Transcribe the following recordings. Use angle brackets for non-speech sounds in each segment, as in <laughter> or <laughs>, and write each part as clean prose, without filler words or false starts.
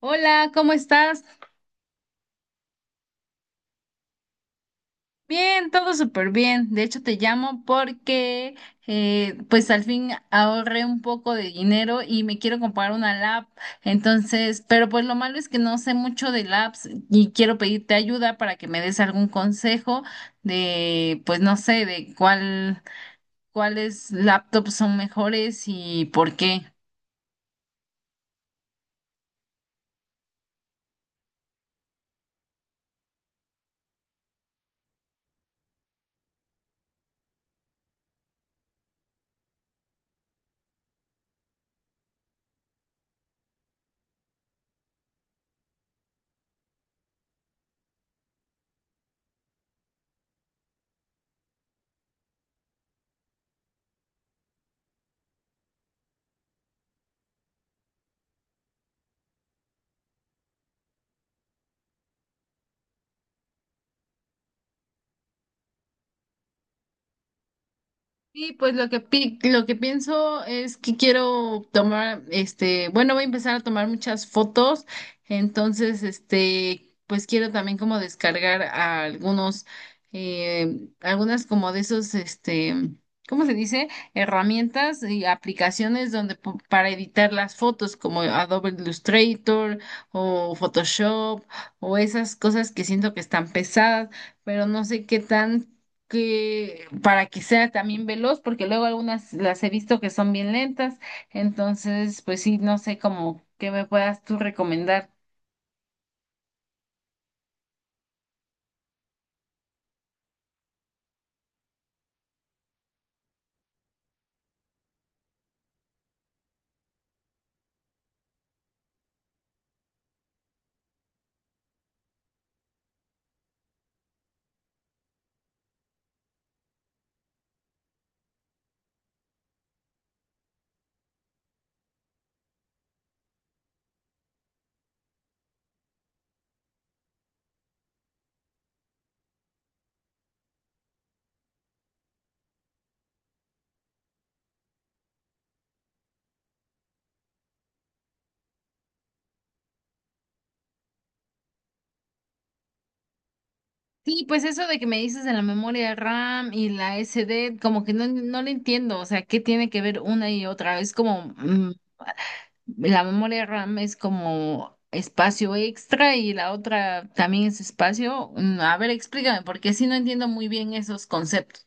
Hola, ¿cómo estás? Bien, todo súper bien. De hecho, te llamo porque pues al fin ahorré un poco de dinero y me quiero comprar una lap. Pero pues lo malo es que no sé mucho de laps y quiero pedirte ayuda para que me des algún consejo de, pues no sé, ¿cuáles laptops son mejores y por qué? Sí, pues lo que pienso es que quiero tomar, bueno, voy a empezar a tomar muchas fotos, entonces, pues quiero también como descargar a algunas como de ¿cómo se dice? Herramientas y aplicaciones para editar las fotos como Adobe Illustrator o Photoshop o esas cosas que siento que están pesadas, pero no sé qué tan que para que sea también veloz, porque luego algunas las he visto que son bien lentas, entonces pues sí, no sé cómo qué me puedas tú recomendar. Sí, pues eso de que me dices de la memoria RAM y la SD, como que no, no le entiendo, o sea, ¿qué tiene que ver una y otra? Es como, la memoria RAM es como espacio extra y la otra también es espacio. A ver, explícame, porque sí no entiendo muy bien esos conceptos.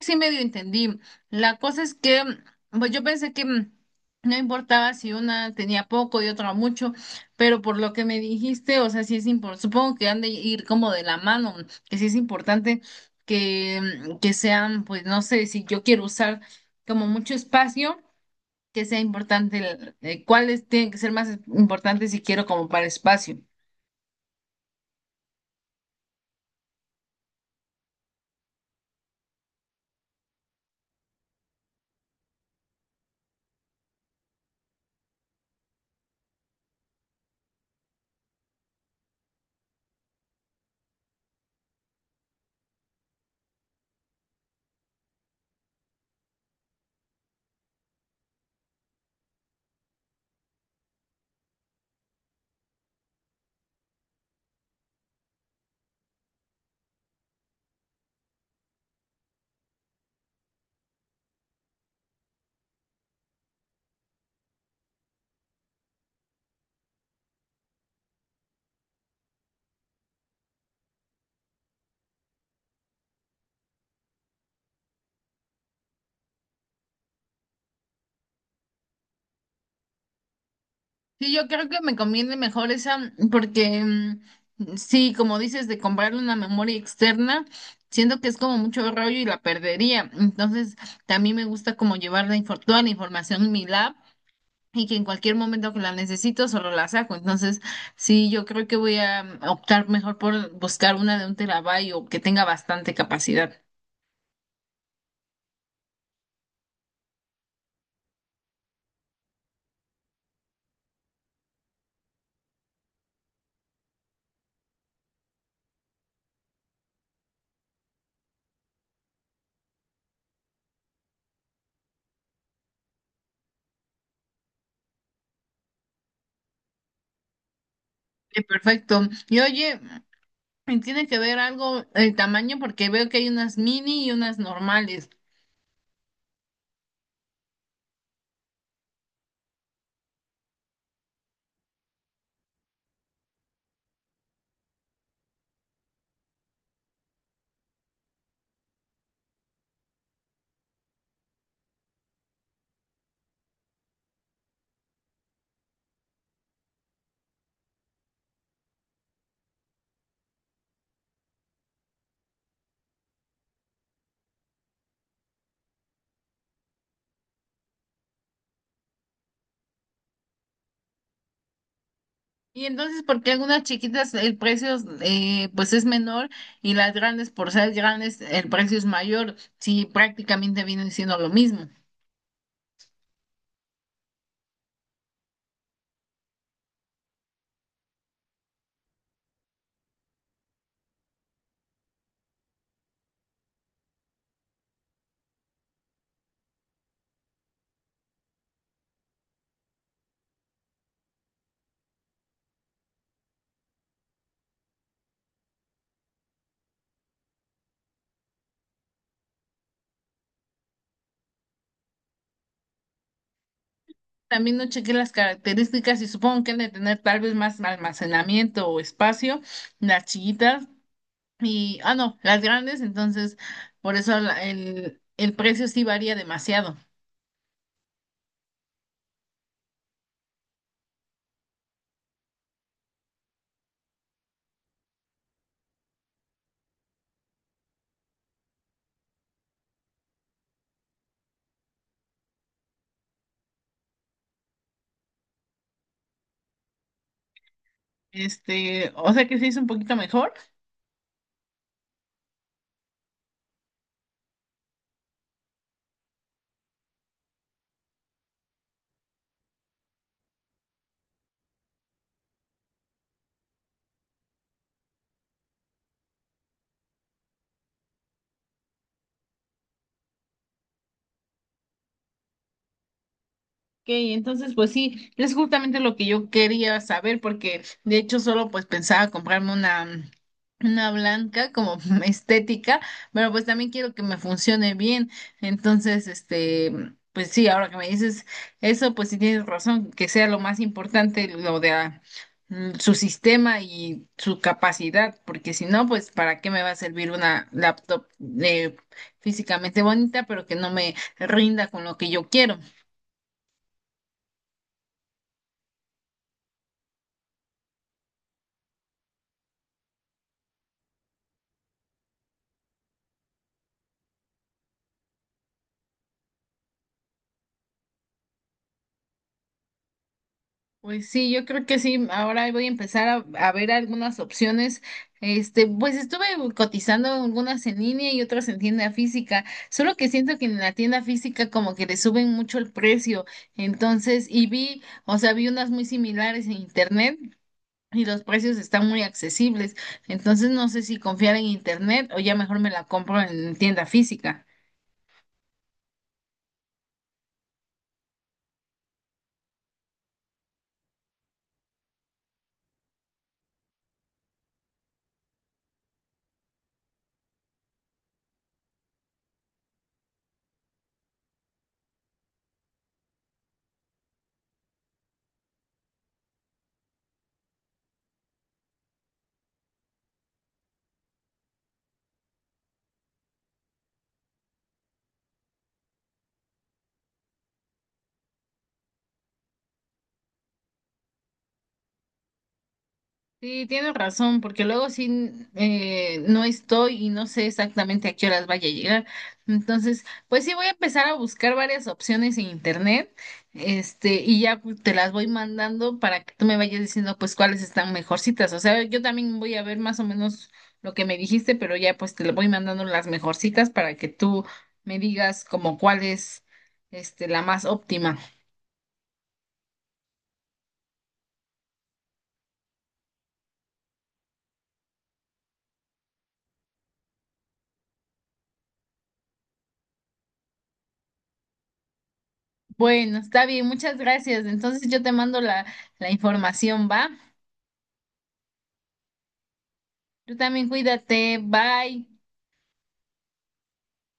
Sí, medio entendí. La cosa es que, pues yo pensé que no importaba si una tenía poco y otra mucho, pero por lo que me dijiste, o sea, sí es importante, supongo que han de ir como de la mano, que sí es importante que, que sean, pues no sé, si yo quiero usar como mucho espacio, que sea importante, cuáles tienen que ser más importantes si quiero como para espacio. Sí, yo creo que me conviene mejor esa, porque sí, como dices, de comprarle una memoria externa, siento que es como mucho rollo y la perdería. Entonces, también me gusta como llevar toda la información en mi lab y que en cualquier momento que la necesito solo la saco. Entonces, sí, yo creo que voy a optar mejor por buscar una de un terabyte o que tenga bastante capacidad. Perfecto. Y oye, ¿tiene que ver algo el tamaño? Porque veo que hay unas mini y unas normales. Y entonces, ¿por qué algunas chiquitas el precio pues es menor y las grandes, por ser grandes, el precio es mayor? Si prácticamente vienen siendo lo mismo. También no chequé las características y supongo que han de tener tal vez más almacenamiento o espacio, las chiquitas y, ah, no, las grandes, entonces por eso el precio sí varía demasiado. O sea que se hizo un poquito mejor. Ok, entonces pues sí, es justamente lo que yo quería saber porque de hecho solo pues pensaba comprarme una blanca como <laughs> estética, pero pues también quiero que me funcione bien. Entonces, pues sí, ahora que me dices eso, pues sí tienes razón, que sea lo más importante lo de su sistema y su capacidad, porque si no, pues para qué me va a servir una laptop eh, físicamente bonita, pero que no me rinda con lo que yo quiero. Pues sí, yo creo que sí. Ahora voy a empezar a ver algunas opciones. Pues estuve cotizando algunas en línea y otras en tienda física. Solo que siento que en la tienda física como que le suben mucho el precio. Entonces, y vi, o sea, vi unas muy similares en internet y los precios están muy accesibles. Entonces, no sé si confiar en internet o ya mejor me la compro en tienda física. Sí, tienes razón, porque luego sí no estoy y no sé exactamente a qué horas vaya a llegar. Entonces, pues sí voy a empezar a buscar varias opciones en internet, y ya pues, te las voy mandando para que tú me vayas diciendo pues cuáles están mejorcitas. O sea, yo también voy a ver más o menos lo que me dijiste, pero ya pues te lo voy mandando las mejorcitas para que tú me digas como cuál es la más óptima. Bueno, está bien, muchas gracias. Entonces yo te mando la información, ¿va? Tú también cuídate. Bye.